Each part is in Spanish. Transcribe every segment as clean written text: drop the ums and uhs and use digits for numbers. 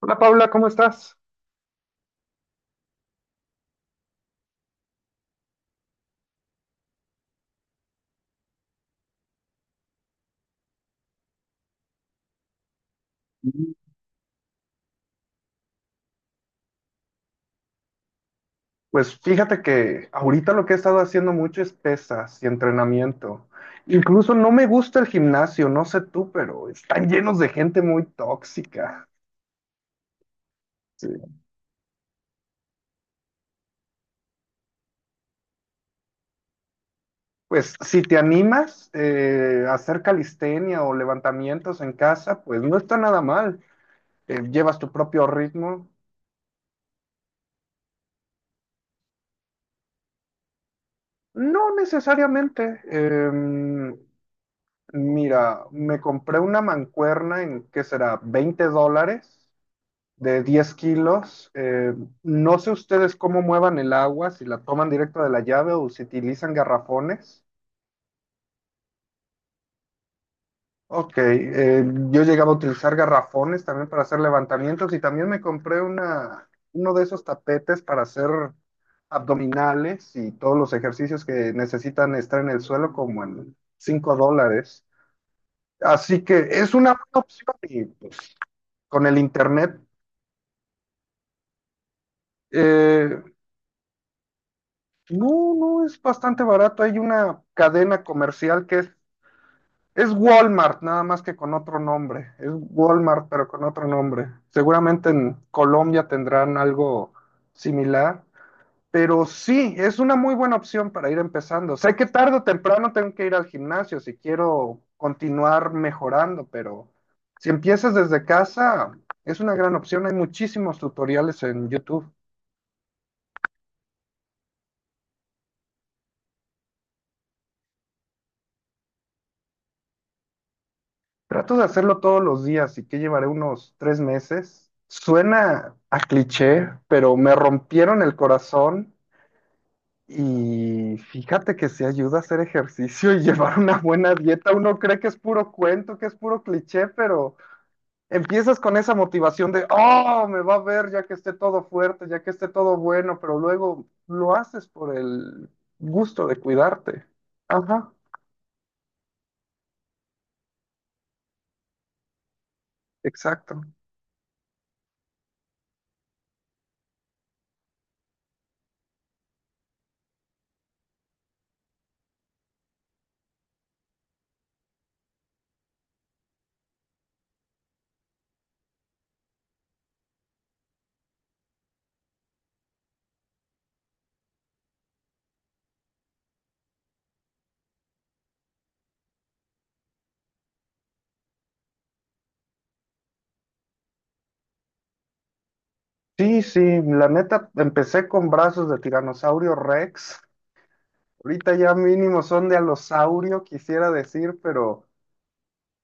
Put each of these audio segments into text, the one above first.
Hola Paula, ¿cómo estás? Pues fíjate que ahorita lo que he estado haciendo mucho es pesas y entrenamiento. Incluso no me gusta el gimnasio, no sé tú, pero están llenos de gente muy tóxica. Sí. Pues si te animas a hacer calistenia o levantamientos en casa, pues no está nada mal. Llevas tu propio ritmo. No necesariamente. Mira, me compré una mancuerna en, ¿qué será? $20. De 10 kilos. No sé ustedes cómo muevan el agua, si la toman directa de la llave o si utilizan garrafones. Ok, yo llegaba a utilizar garrafones también para hacer levantamientos y también me compré uno de esos tapetes para hacer abdominales y todos los ejercicios que necesitan estar en el suelo como en $5. Así que es una buena opción y pues, con el internet. eh, No, no, es bastante barato. Hay una cadena comercial es Walmart, nada más que con otro nombre. Es Walmart, pero con otro nombre. Seguramente en Colombia tendrán algo similar. Pero sí, es una muy buena opción para ir empezando. Sé que tarde o temprano tengo que ir al gimnasio si quiero continuar mejorando, pero si empiezas desde casa, es una gran opción. Hay muchísimos tutoriales en YouTube. Trato de hacerlo todos los días y que llevaré unos 3 meses. Suena a cliché, pero me rompieron el corazón y fíjate que se ayuda a hacer ejercicio y llevar una buena dieta. Uno cree que es puro cuento, que es puro cliché, pero empiezas con esa motivación de, oh, me va a ver ya que esté todo fuerte, ya que esté todo bueno, pero luego lo haces por el gusto de cuidarte. Ajá, exacto. Sí, sí, la neta, empecé con brazos de tiranosaurio Rex. Ahorita ya mínimo son de alosaurio, quisiera decir, pero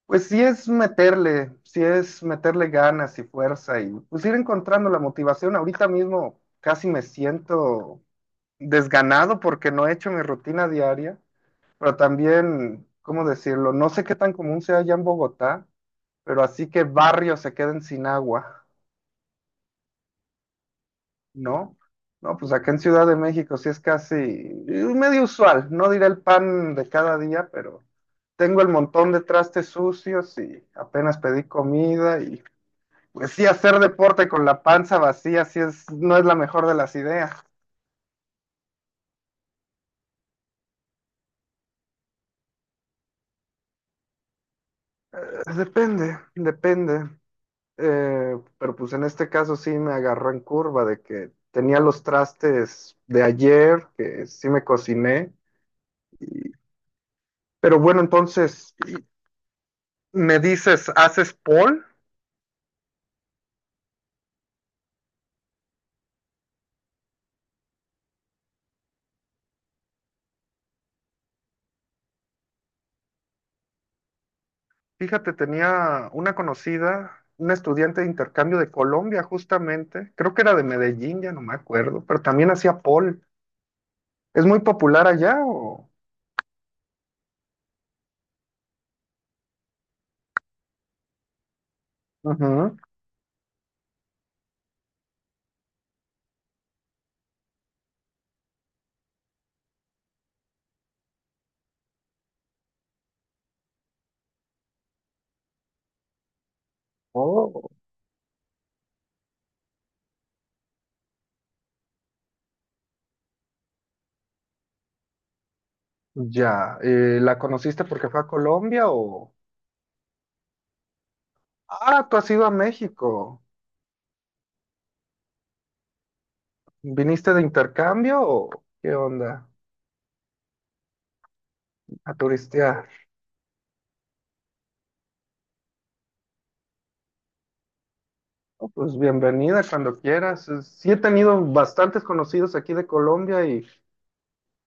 pues sí es meterle ganas y fuerza y pues ir encontrando la motivación. Ahorita mismo casi me siento desganado porque no he hecho mi rutina diaria, pero también, ¿cómo decirlo? No sé qué tan común sea allá en Bogotá, pero así que barrios se queden sin agua. No, no, pues acá en Ciudad de México sí es casi medio usual, no diré el pan de cada día, pero tengo el montón de trastes sucios y apenas pedí comida y pues sí hacer deporte con la panza vacía no es la mejor de las ideas. Eh, Depende, depende. Pero pues en este caso sí me agarró en curva de que tenía los trastes de ayer, que sí me cociné. Pero bueno, entonces, ¿me dices, haces pole? Fíjate, tenía una conocida, una estudiante de intercambio de Colombia, justamente. Creo que era de Medellín, ya no me acuerdo, pero también hacía pole. ¿Es muy popular allá o...? Ujú. Oh, ya. ¿La conociste porque fue a Colombia o...? Ah, tú has ido a México. ¿Viniste de intercambio o qué onda? A turistear. Oh, pues bienvenida cuando quieras. Sí he tenido bastantes conocidos aquí de Colombia y...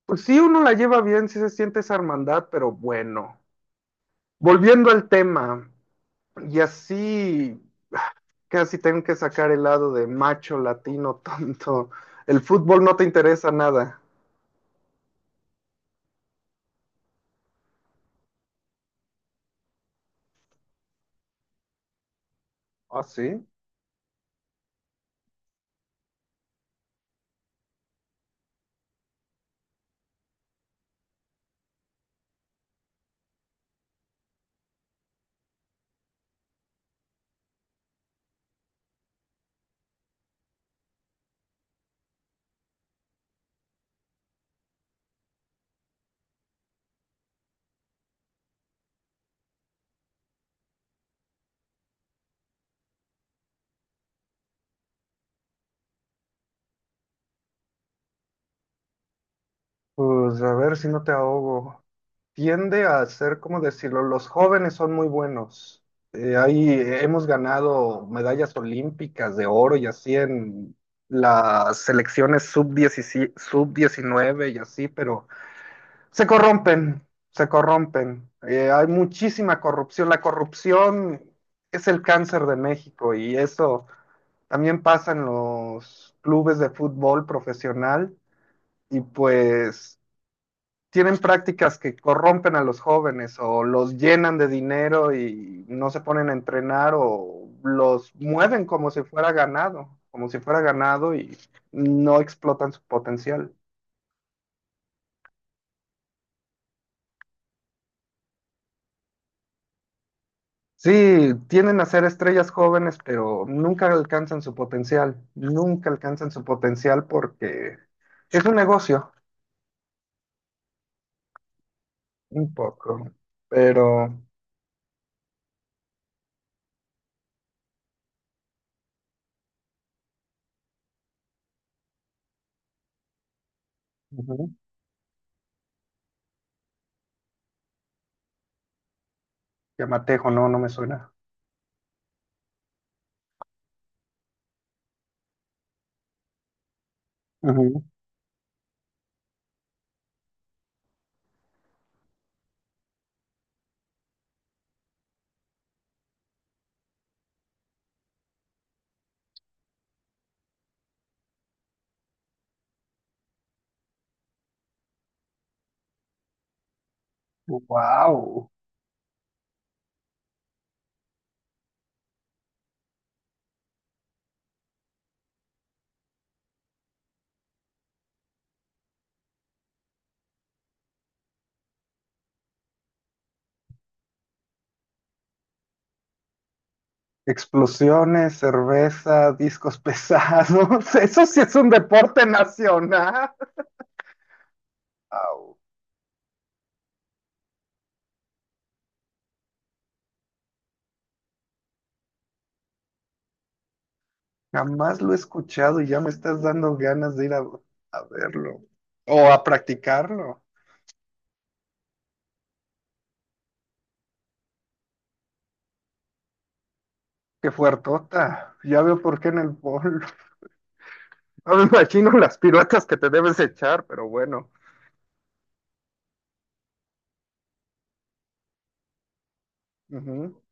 Pues sí, uno la lleva bien, sí se siente esa hermandad, pero bueno. Volviendo al tema, y así ah, casi tengo que sacar el lado de macho latino tonto. El fútbol no te interesa nada. Ah, sí. Pues a ver si no te ahogo. Tiende a ser, ¿cómo decirlo? Los jóvenes son muy buenos. Ahí hemos ganado medallas olímpicas de oro y así en las selecciones sub 19 y así, pero Se corrompen, se corrompen. Hay muchísima corrupción. La corrupción es el cáncer de México y eso también pasa en los clubes de fútbol profesional y pues tienen prácticas que corrompen a los jóvenes o los llenan de dinero y no se ponen a entrenar o los mueven como si fuera ganado y no explotan su potencial. Sí, tienden a ser estrellas jóvenes, pero nunca alcanzan su potencial, nunca alcanzan su potencial porque es un negocio, un poco, pero ujú. Yamatejo no, no me suena. Wow, explosiones, cerveza, discos pesados, eso sí es un deporte nacional. Au, jamás lo he escuchado y ya me estás dando ganas de ir a verlo o a practicarlo. Qué fuertota. Ya veo por qué en el bol. No me imagino las piruetas que te debes echar, pero bueno. Ujú.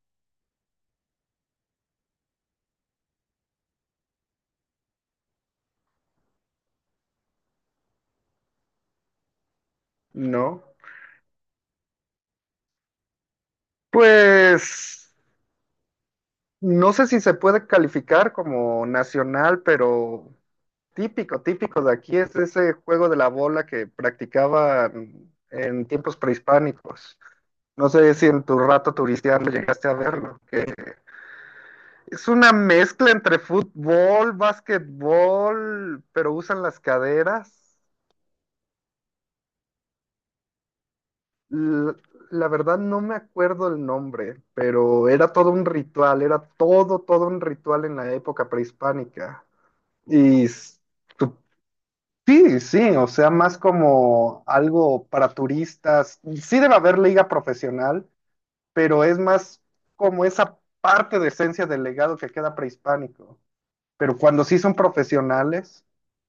No. Pues no sé si se puede calificar como nacional, pero típico, típico de aquí es ese juego de la bola que practicaban en tiempos prehispánicos. No sé si en tu rato turistiano llegaste a verlo, que es una mezcla entre fútbol, básquetbol, pero usan las caderas. L- La verdad no me acuerdo el nombre, pero era todo un ritual, todo un ritual en la época prehispánica. Y s- tu- sí, sí, o sea, más como algo para turistas. Sí debe haber liga profesional, pero es más como esa parte de esencia del legado que queda prehispánico. Pero cuando sí son profesionales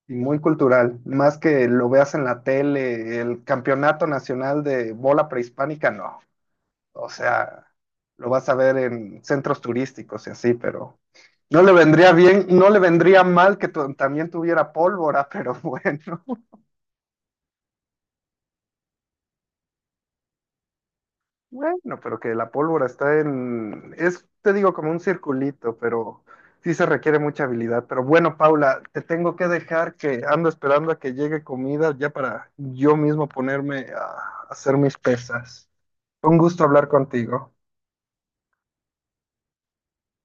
y muy cultural, más que lo veas en la tele, el campeonato nacional de bola prehispánica, no. O sea, lo vas a ver en centros turísticos y así, pero no le vendría bien, no le vendría mal que también tuviera pólvora, pero bueno, bueno, pero que la pólvora está en, es, te digo, como un circulito, pero sí se requiere mucha habilidad. Pero bueno, Paula, te tengo que dejar que ando esperando a que llegue comida ya para yo mismo ponerme a hacer mis pesas. Fue un gusto hablar contigo.